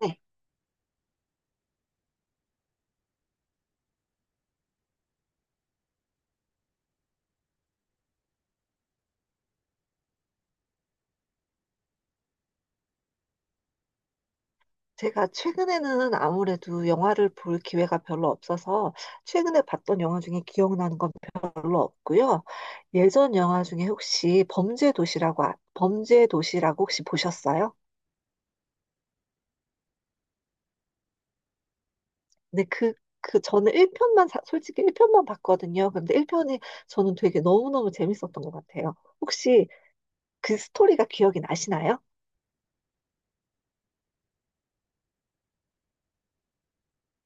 네, 제가 최근에는 아무래도 영화를 볼 기회가 별로 없어서 최근에 봤던 영화 중에 기억나는 건 별로 없고요. 예전 영화 중에 혹시 범죄 도시라고 혹시 보셨어요? 근데 그 저는 일편만 솔직히 1편만 봤거든요. 근데 1편이 저는 되게 너무너무 재밌었던 것 같아요. 혹시 그 스토리가 기억이 나시나요?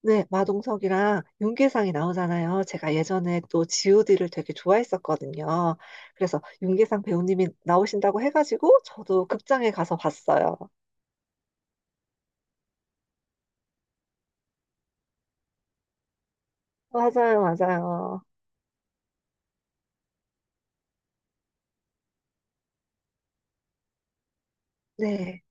네, 마동석이랑 윤계상이 나오잖아요. 제가 예전에 또 GOD를 되게 좋아했었거든요. 그래서 윤계상 배우님이 나오신다고 해가지고 저도 극장에 가서 봤어요. 맞아요, 맞아요. 네.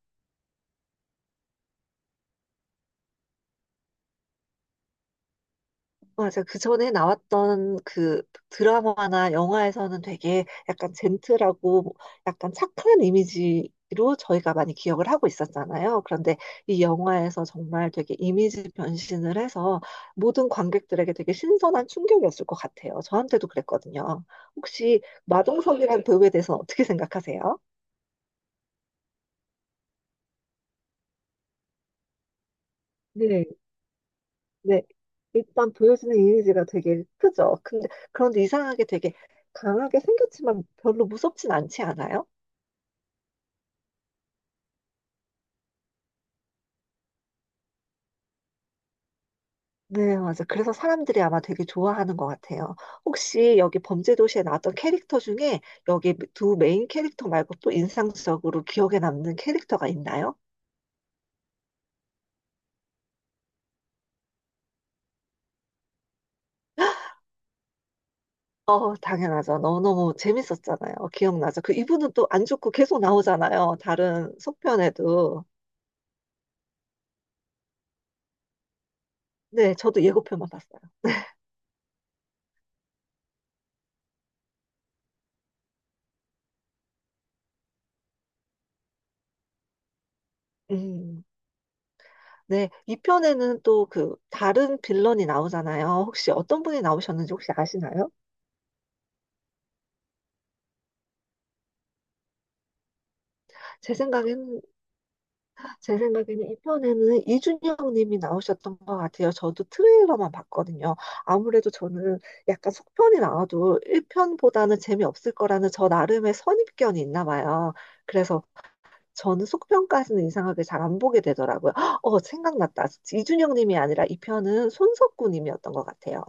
맞아. 그 전에 나왔던 그 드라마나 영화에서는 되게 약간 젠틀하고 뭐 약간 착한 이미지로 저희가 많이 기억을 하고 있었잖아요. 그런데 이 영화에서 정말 되게 이미지 변신을 해서 모든 관객들에게 되게 신선한 충격이었을 것 같아요. 저한테도 그랬거든요. 혹시 마동석이란 배우에 대해서 어떻게 생각하세요? 네, 네, 일단 보여지는 이미지가 되게 크죠. 근데, 그런데 이상하게 되게 강하게 생겼지만 별로 무섭진 않지 않아요? 네, 맞아. 그래서 사람들이 아마 되게 좋아하는 것 같아요. 혹시 여기 범죄도시에 나왔던 캐릭터 중에 여기 두 메인 캐릭터 말고 또 인상적으로 기억에 남는 캐릭터가 있나요? 어, 당연하죠. 너무너무 재밌었잖아요. 기억나죠. 그 이분은 또 안 죽고 계속 나오잖아요. 다른 속편에도. 네, 저도 예고편만 봤어요. 음. 네, 이편에는 또 그 다른 빌런이 나오잖아요. 혹시 어떤 분이 나오셨는지 혹시 아시나요? 제 생각엔 제 생각에는 이편에는 이준영 님이 나오셨던 것 같아요. 저도 트레일러만 봤거든요. 아무래도 저는 약간 속편이 나와도 1편보다는 재미없을 거라는 저 나름의 선입견이 있나 봐요. 그래서 저는 속편까지는 이상하게 잘 안 보게 되더라고요. 어, 생각났다. 이준영 님이 아니라 이 편은 손석구 님이었던 것 같아요.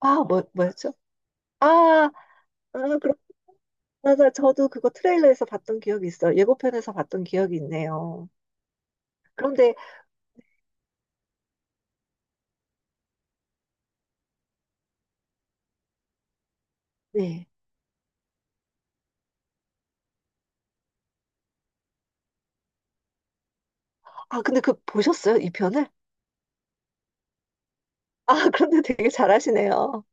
아, 뭐였죠? 아, 아, 그렇 맞아. 저도 그거 트레일러에서 봤던 기억이 있어요. 예고편에서 봤던 기억이 있네요. 그런데, 네. 아, 근데 그 보셨어요? 이 편을? 아, 그런데 되게 잘하시네요.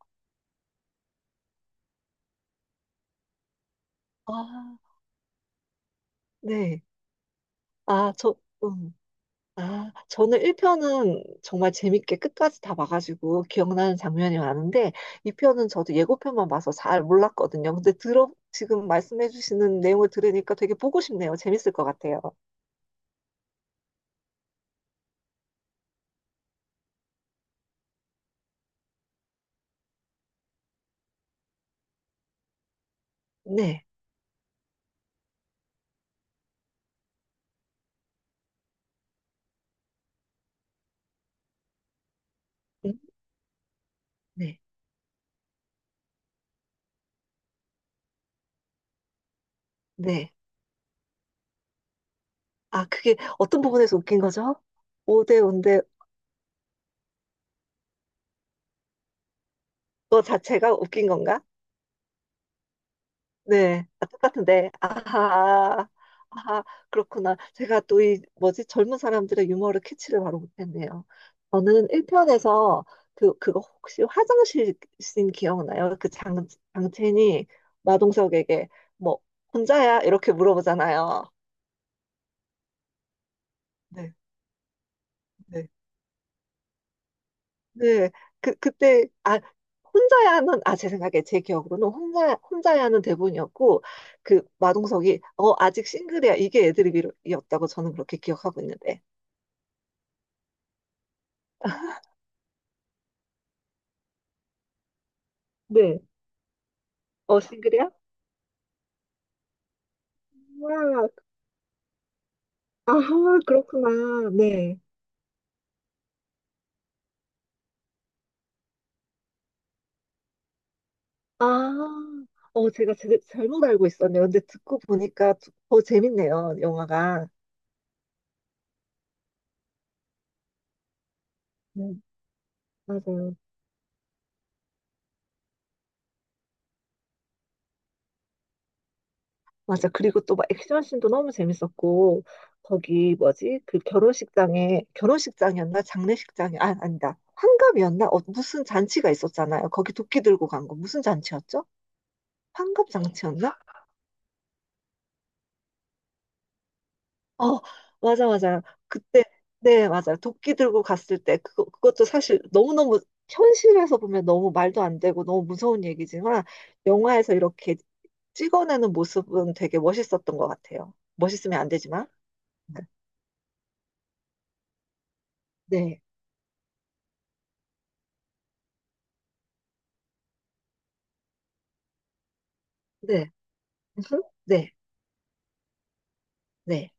아, 네. 아, 저, 음. 아, 저는 1편은 정말 재밌게 끝까지 다 봐가지고 기억나는 장면이 많은데, 2편은 저도 예고편만 봐서 잘 몰랐거든요. 근데 지금 말씀해주시는 내용을 들으니까 되게 보고 싶네요. 재밌을 것 같아요. 네. 음? 네. 네. 아, 그게 어떤 부분에서 웃긴 거죠? 5대 5인데 그거 자체가 웃긴 건가? 네, 아, 똑같은데, 아하, 아하, 그렇구나. 제가 또 이, 뭐지, 젊은 사람들의 유머를 캐치를 바로 못했네요. 저는 1편에서 그거 혹시 화장실 씬 기억나요? 그 장첸이 마동석에게 뭐, 혼자야? 이렇게 물어보잖아요. 네, 네, 그때, 아, 혼자야 하는, 아, 제 생각에, 제 기억으로는 혼자야 하는 대본이었고, 그 마동석이, 어, 아직 싱글이야. 이게 애드립이었다고 저는 그렇게 기억하고 있는데. 네. 어, 싱글이야? 와, 아, 그렇구나. 네. 아, 어, 제가 잘못 알고 있었네요. 근데 듣고 보니까 더 재밌네요, 영화가. 네, 맞아요. 맞아. 그리고 또 막 액션씬도 너무 재밌었고, 거기 뭐지? 그 결혼식장에, 결혼식장이었나? 장례식장이, 아, 아니다. 환갑이었나? 어, 무슨 잔치가 있었잖아요. 거기 도끼 들고 간 거. 무슨 잔치였죠? 환갑 잔치였나? 어, 맞아, 맞아. 그때, 네, 맞아. 도끼 들고 갔을 때, 그거, 그것도 사실 너무너무, 현실에서 보면 너무 말도 안 되고 너무 무서운 얘기지만, 영화에서 이렇게 찍어내는 모습은 되게 멋있었던 것 같아요. 멋있으면 안 되지만. 네, 네. 음, 네, 네.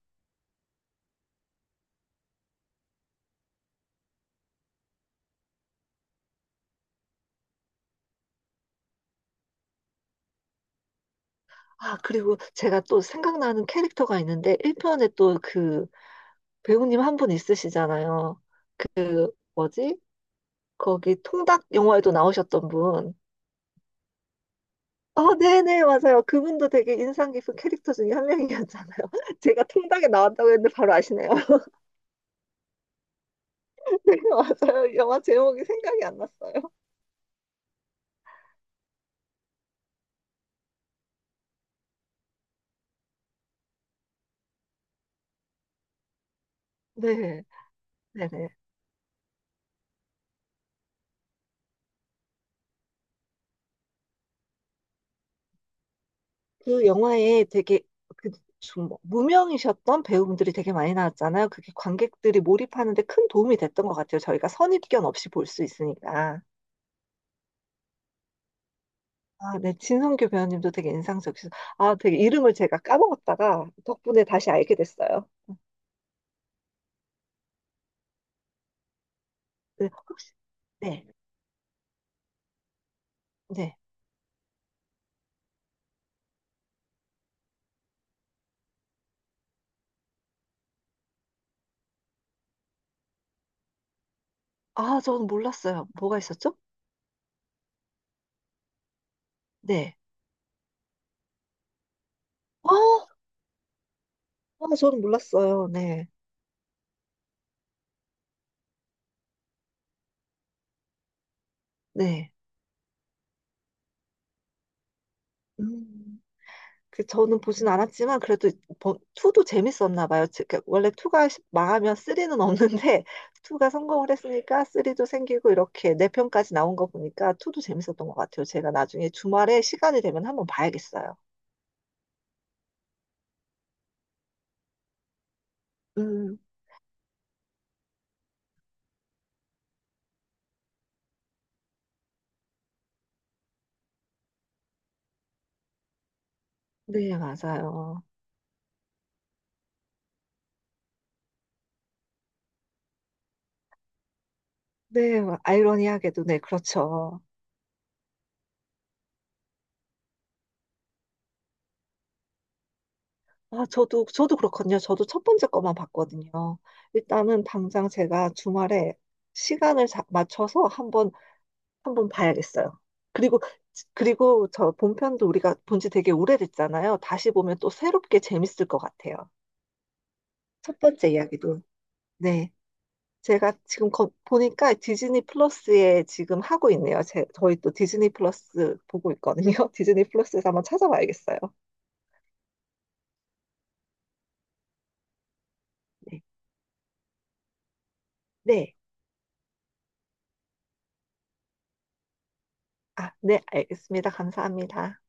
아, 그리고 제가 또 생각나는 캐릭터가 있는데, 1편에 또 그 배우님 한 분 있으시잖아요. 뭐지? 거기 통닭 영화에도 나오셨던 분. 아, 네네, 맞아요. 그분도 되게 인상 깊은 캐릭터 중에 한 명이었잖아요. 제가 통닭에 나왔다고 했는데 바로 아시네요. 네, 맞아요. 영화 제목이 생각이 안 났어요. 네, 네네. 그 영화에 되게 그좀 뭐 무명이셨던 배우분들이 되게 많이 나왔잖아요. 그게 관객들이 몰입하는데 큰 도움이 됐던 것 같아요. 저희가 선입견 없이 볼 수 있으니까. 아, 네. 진성규 배우님도 되게 인상적이셔서. 아, 되게 이름을 제가 까먹었다가 덕분에 다시 알게 됐어요. 네. 혹시, 네. 네. 아, 저는 몰랐어요. 뭐가 있었죠? 네. 아, 아, 저는 몰랐어요. 네. 네. 음. 그 저는 보진 않았지만 그래도 2도 재밌었나 봐요. 즉, 그 원래 2가 망하면 3는 없는데 2가 성공을 했으니까 3도 생기고 이렇게 4편까지 나온 거 보니까 2도 재밌었던 것 같아요. 제가 나중에 주말에 시간이 되면 한번 봐야겠어요. 음, 네, 맞아요. 네, 아이러니하게도 네, 그렇죠. 아, 저도 그렇거든요. 저도 첫 번째 거만 봤거든요. 일단은 당장 제가 주말에 시간을 맞춰서 한번 한 번 봐야겠어요. 그리고, 그리고 저 본편도 우리가 본 지 되게 오래됐잖아요. 다시 보면 또 새롭게 재밌을 것 같아요. 첫 번째 이야기도. 네. 제가 지금 보니까 디즈니 플러스에 지금 하고 있네요. 제, 저희 또 디즈니 플러스 보고 있거든요. 디즈니 플러스에서 한번 찾아봐야겠어요. 네. 네. 아, 네. 알겠습니다. 감사합니다.